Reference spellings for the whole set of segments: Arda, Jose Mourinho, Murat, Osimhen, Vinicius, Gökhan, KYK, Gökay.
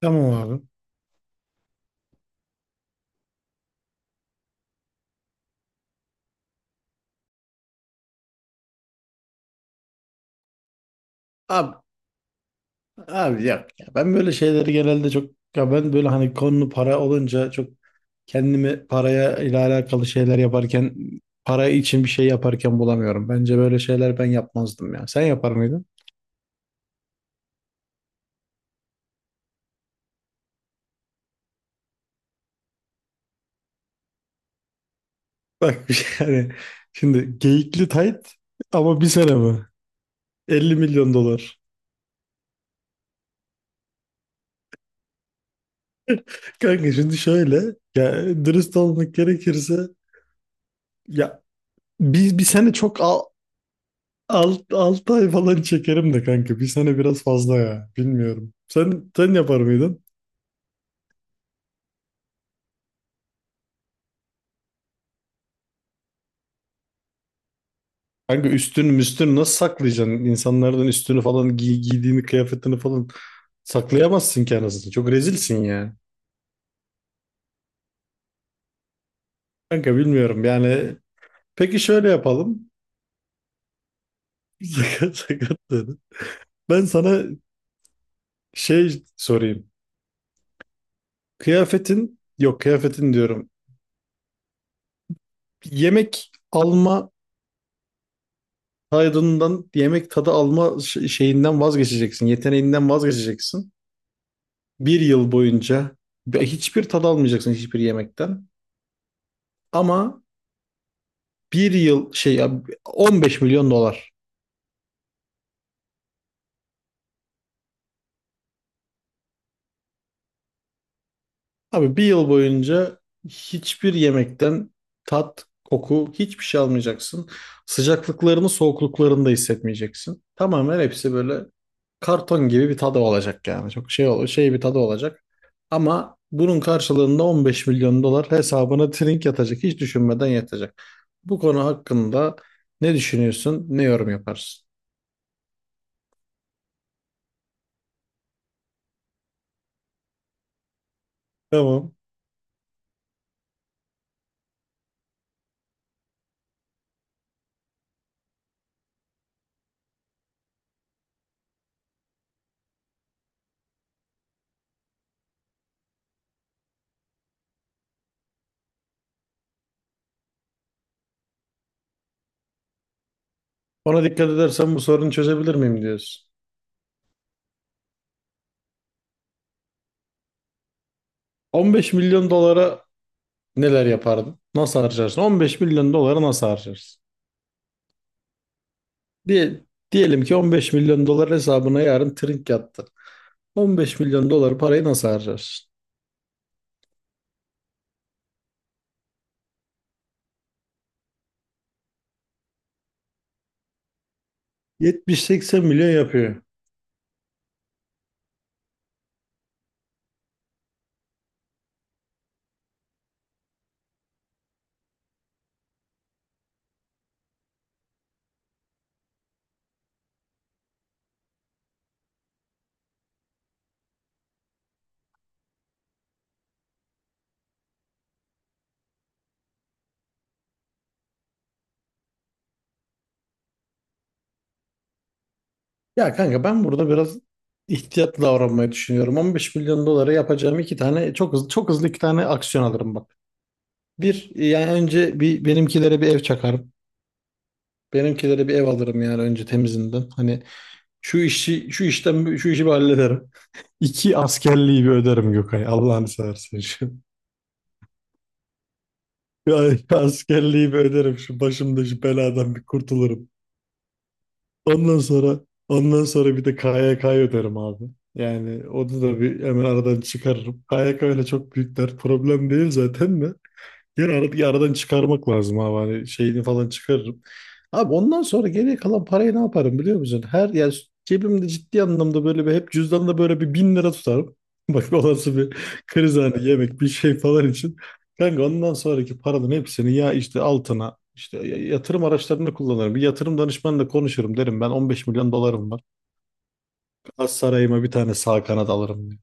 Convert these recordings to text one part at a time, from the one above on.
Tamam abi. Abi, abi yok ya. Ben böyle şeyleri genelde çok ya ben böyle hani konu para olunca çok kendimi paraya ile alakalı şeyler yaparken para için bir şey yaparken bulamıyorum. Bence böyle şeyler ben yapmazdım ya. Sen yapar mıydın? Bak, bir şey yani şimdi geyikli tayt ama bir sene mi? 50 milyon dolar. Kanka şimdi şöyle, ya dürüst olmak gerekirse, ya bir sene çok al. Alt, 6 ay falan çekerim de kanka. Bir sene biraz fazla ya. Bilmiyorum. Sen yapar mıydın? Kanka üstün müstün nasıl saklayacaksın? İnsanlardan üstünü falan giy, giydiğini kıyafetini falan saklayamazsın ki anasını. Çok rezilsin ya. Kanka bilmiyorum yani. Peki şöyle yapalım. Sakat sakat dedi. Ben sana sorayım. Kıyafetin yok kıyafetin diyorum. Yemek alma taydından yemek tadı alma şeyinden vazgeçeceksin. Yeteneğinden vazgeçeceksin. Bir yıl boyunca hiçbir tad almayacaksın hiçbir yemekten. Ama bir yıl şey ya 15 milyon dolar. Abi bir yıl boyunca hiçbir yemekten tat, koku, hiçbir şey almayacaksın. Sıcaklıklarını, soğukluklarını da hissetmeyeceksin. Tamamen hepsi böyle karton gibi bir tadı olacak yani. Çok şey bir tadı olacak. Ama bunun karşılığında 15 milyon dolar hesabına trink yatacak. Hiç düşünmeden yatacak. Bu konu hakkında ne düşünüyorsun, ne yorum yaparsın? Tamam. Ona dikkat edersen bu sorunu çözebilir miyim diyorsun. 15 milyon dolara neler yapardın? Nasıl harcarsın? 15 milyon doları nasıl harcarsın? Diye, diyelim ki 15 milyon dolar hesabına yarın trink yattı. 15 milyon dolar parayı nasıl harcarsın? 70-80 milyon yapıyor. Ya kanka ben burada biraz ihtiyatlı davranmayı düşünüyorum. 15 milyon dolara yapacağım iki tane çok hızlı çok hızlı iki tane aksiyon alırım bak. Bir, yani önce bir benimkilere bir ev çakarım. Benimkilere bir ev alırım yani önce temizinden. Hani şu işi şu işten şu işi bir hallederim. İki, askerliği bir öderim Gökay. Allah'ını seversen şu. Ya, askerliği bir öderim şu başımda şu beladan bir kurtulurum. Ondan sonra ondan sonra bir de KYK'yı öderim abi. Yani onu da bir hemen aradan çıkarırım. KYK öyle çok büyük dert problem değil zaten de. Yani bir aradan çıkarmak lazım abi. Hani şeyini falan çıkarırım. Abi ondan sonra geriye kalan parayı ne yaparım biliyor musun? Her yani cebimde ciddi anlamda böyle bir hep cüzdanla böyle bir 1.000 lira tutarım. Bak olası bir kriz hani yemek bir şey falan için. Kanka ondan sonraki paranın hepsini ya işte altına işte yatırım araçlarını kullanırım. Bir yatırım danışmanla konuşurum, derim ben 15 milyon dolarım var. Az sarayıma bir tane sağ kanat alırım diye.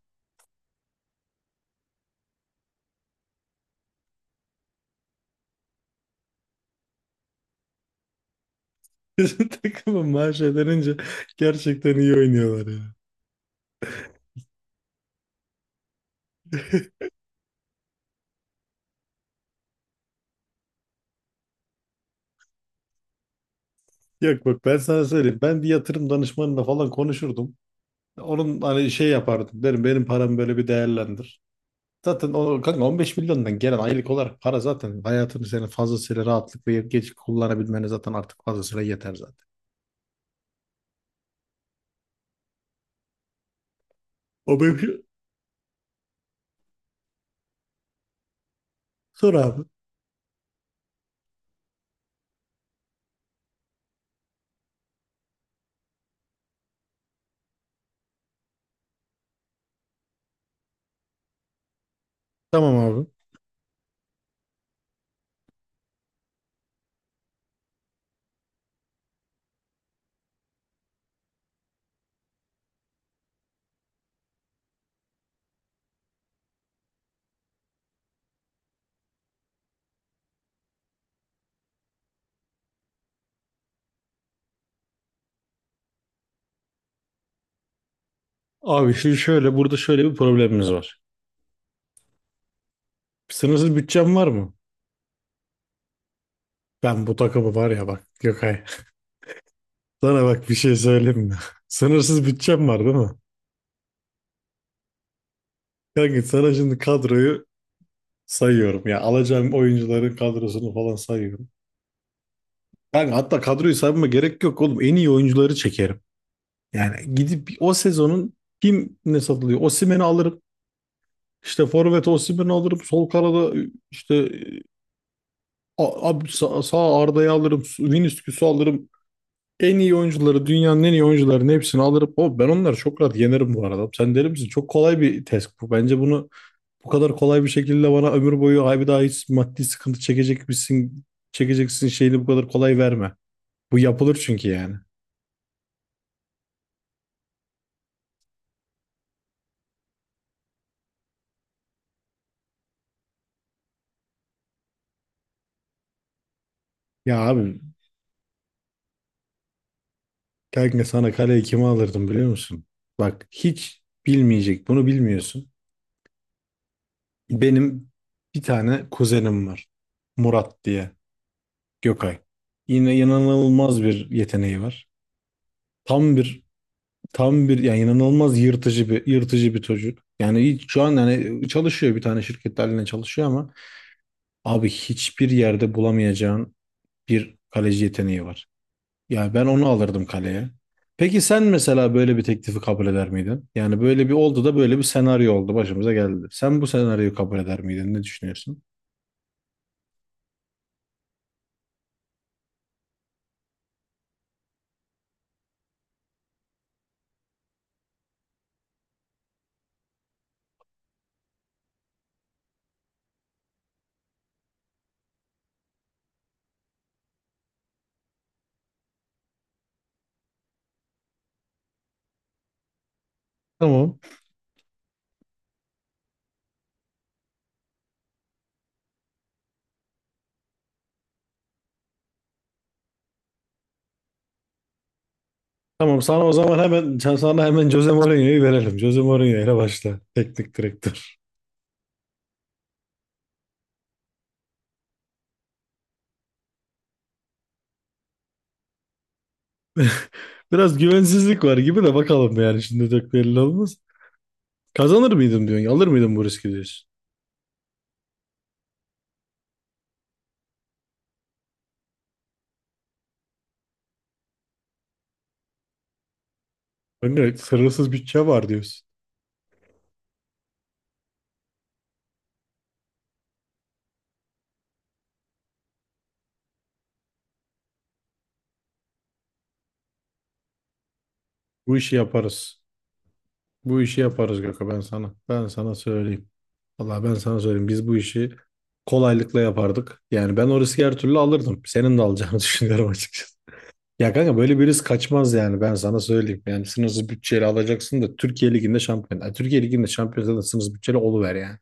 Bizim takımın maaş ödenince gerçekten iyi oynuyorlar ya. Yok bak ben sana söyleyeyim. Ben bir yatırım danışmanıyla falan konuşurdum. Onun hani şey yapardım. Derim benim paramı böyle bir değerlendir. Zaten o kanka 15 milyondan gelen aylık olarak para zaten hayatını senin fazlasıyla rahatlıkla yiyip geç kullanabilmene zaten artık fazlasıyla yeter zaten. O benim şey- Sor abi. Tamam abi. Abi şimdi şöyle burada şöyle bir problemimiz var. Sınırsız bütçem var mı? Ben bu takımı var ya bak Gökay. Sana bak bir şey söyleyeyim mi? Sınırsız bütçem var değil mi? Kanka sana şimdi kadroyu sayıyorum ya. Alacağım oyuncuların kadrosunu falan sayıyorum. Yani hatta kadroyu saymama gerek yok oğlum. En iyi oyuncuları çekerim. Yani gidip o sezonun kim ne satılıyor? Osimhen'i alırım. İşte forvet Osimhen'i alırım. Sol kanada işte e, A- abi sağ Arda'yı alırım. Vinicius'u alırım. En iyi oyuncuları, dünyanın en iyi oyuncularının hepsini alırım. O ben onları çok rahat yenerim bu arada. Sen deli misin? Çok kolay bir test bu. Bence bunu bu kadar kolay bir şekilde bana ömür boyu ay bir daha hiç maddi sıkıntı çekecek misin, çekeceksin şeyini bu kadar kolay verme. Bu yapılır çünkü yani. Ya abi, kanka sana kaleyi kime alırdım biliyor musun? Bak hiç bilmeyecek bunu, bilmiyorsun. Benim bir tane kuzenim var. Murat diye. Gökay. Yine inanılmaz bir yeteneği var. Tam bir Tam bir yani inanılmaz yırtıcı bir çocuk. Yani şu an yani çalışıyor bir tane şirkette haline çalışıyor ama abi hiçbir yerde bulamayacağın bir kaleci yeteneği var. Yani ben onu alırdım kaleye. Peki sen mesela böyle bir teklifi kabul eder miydin? Yani böyle bir oldu da böyle bir senaryo oldu başımıza geldi. Sen bu senaryoyu kabul eder miydin? Ne düşünüyorsun? Tamam. Tamam, sana o zaman hemen sana hemen Jose Mourinho'yu verelim. Jose Mourinho ile başla. Teknik direktör. Biraz güvensizlik var gibi de, bakalım yani şimdi çok belli olmaz. Kazanır mıydım diyorsun? Alır mıydım bu riski diyorsun? Önce sınırsız bütçe var diyorsun. Bu işi yaparız. Bu işi yaparız Gökhan, ben sana. Ben sana söyleyeyim. Vallahi ben sana söyleyeyim. Biz bu işi kolaylıkla yapardık. Yani ben o riski her türlü alırdım. Senin de alacağını düşünüyorum açıkçası. Ya kanka böyle birisi kaçmaz yani, ben sana söyleyeyim. Yani sınırsız bütçeyle alacaksın da Türkiye Ligi'nde şampiyon. Yani Türkiye Ligi'nde şampiyon zaten sınırsız bütçeyle oluver yani.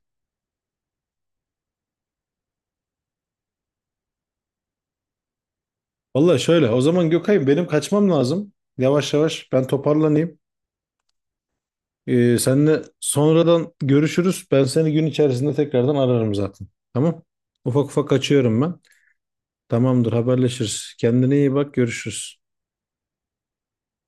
Vallahi şöyle, o zaman Gökay'ım benim kaçmam lazım. Yavaş yavaş ben toparlanayım. Seninle sonradan görüşürüz. Ben seni gün içerisinde tekrardan ararım zaten. Tamam. Ufak ufak kaçıyorum ben. Tamamdır, haberleşiriz. Kendine iyi bak, görüşürüz.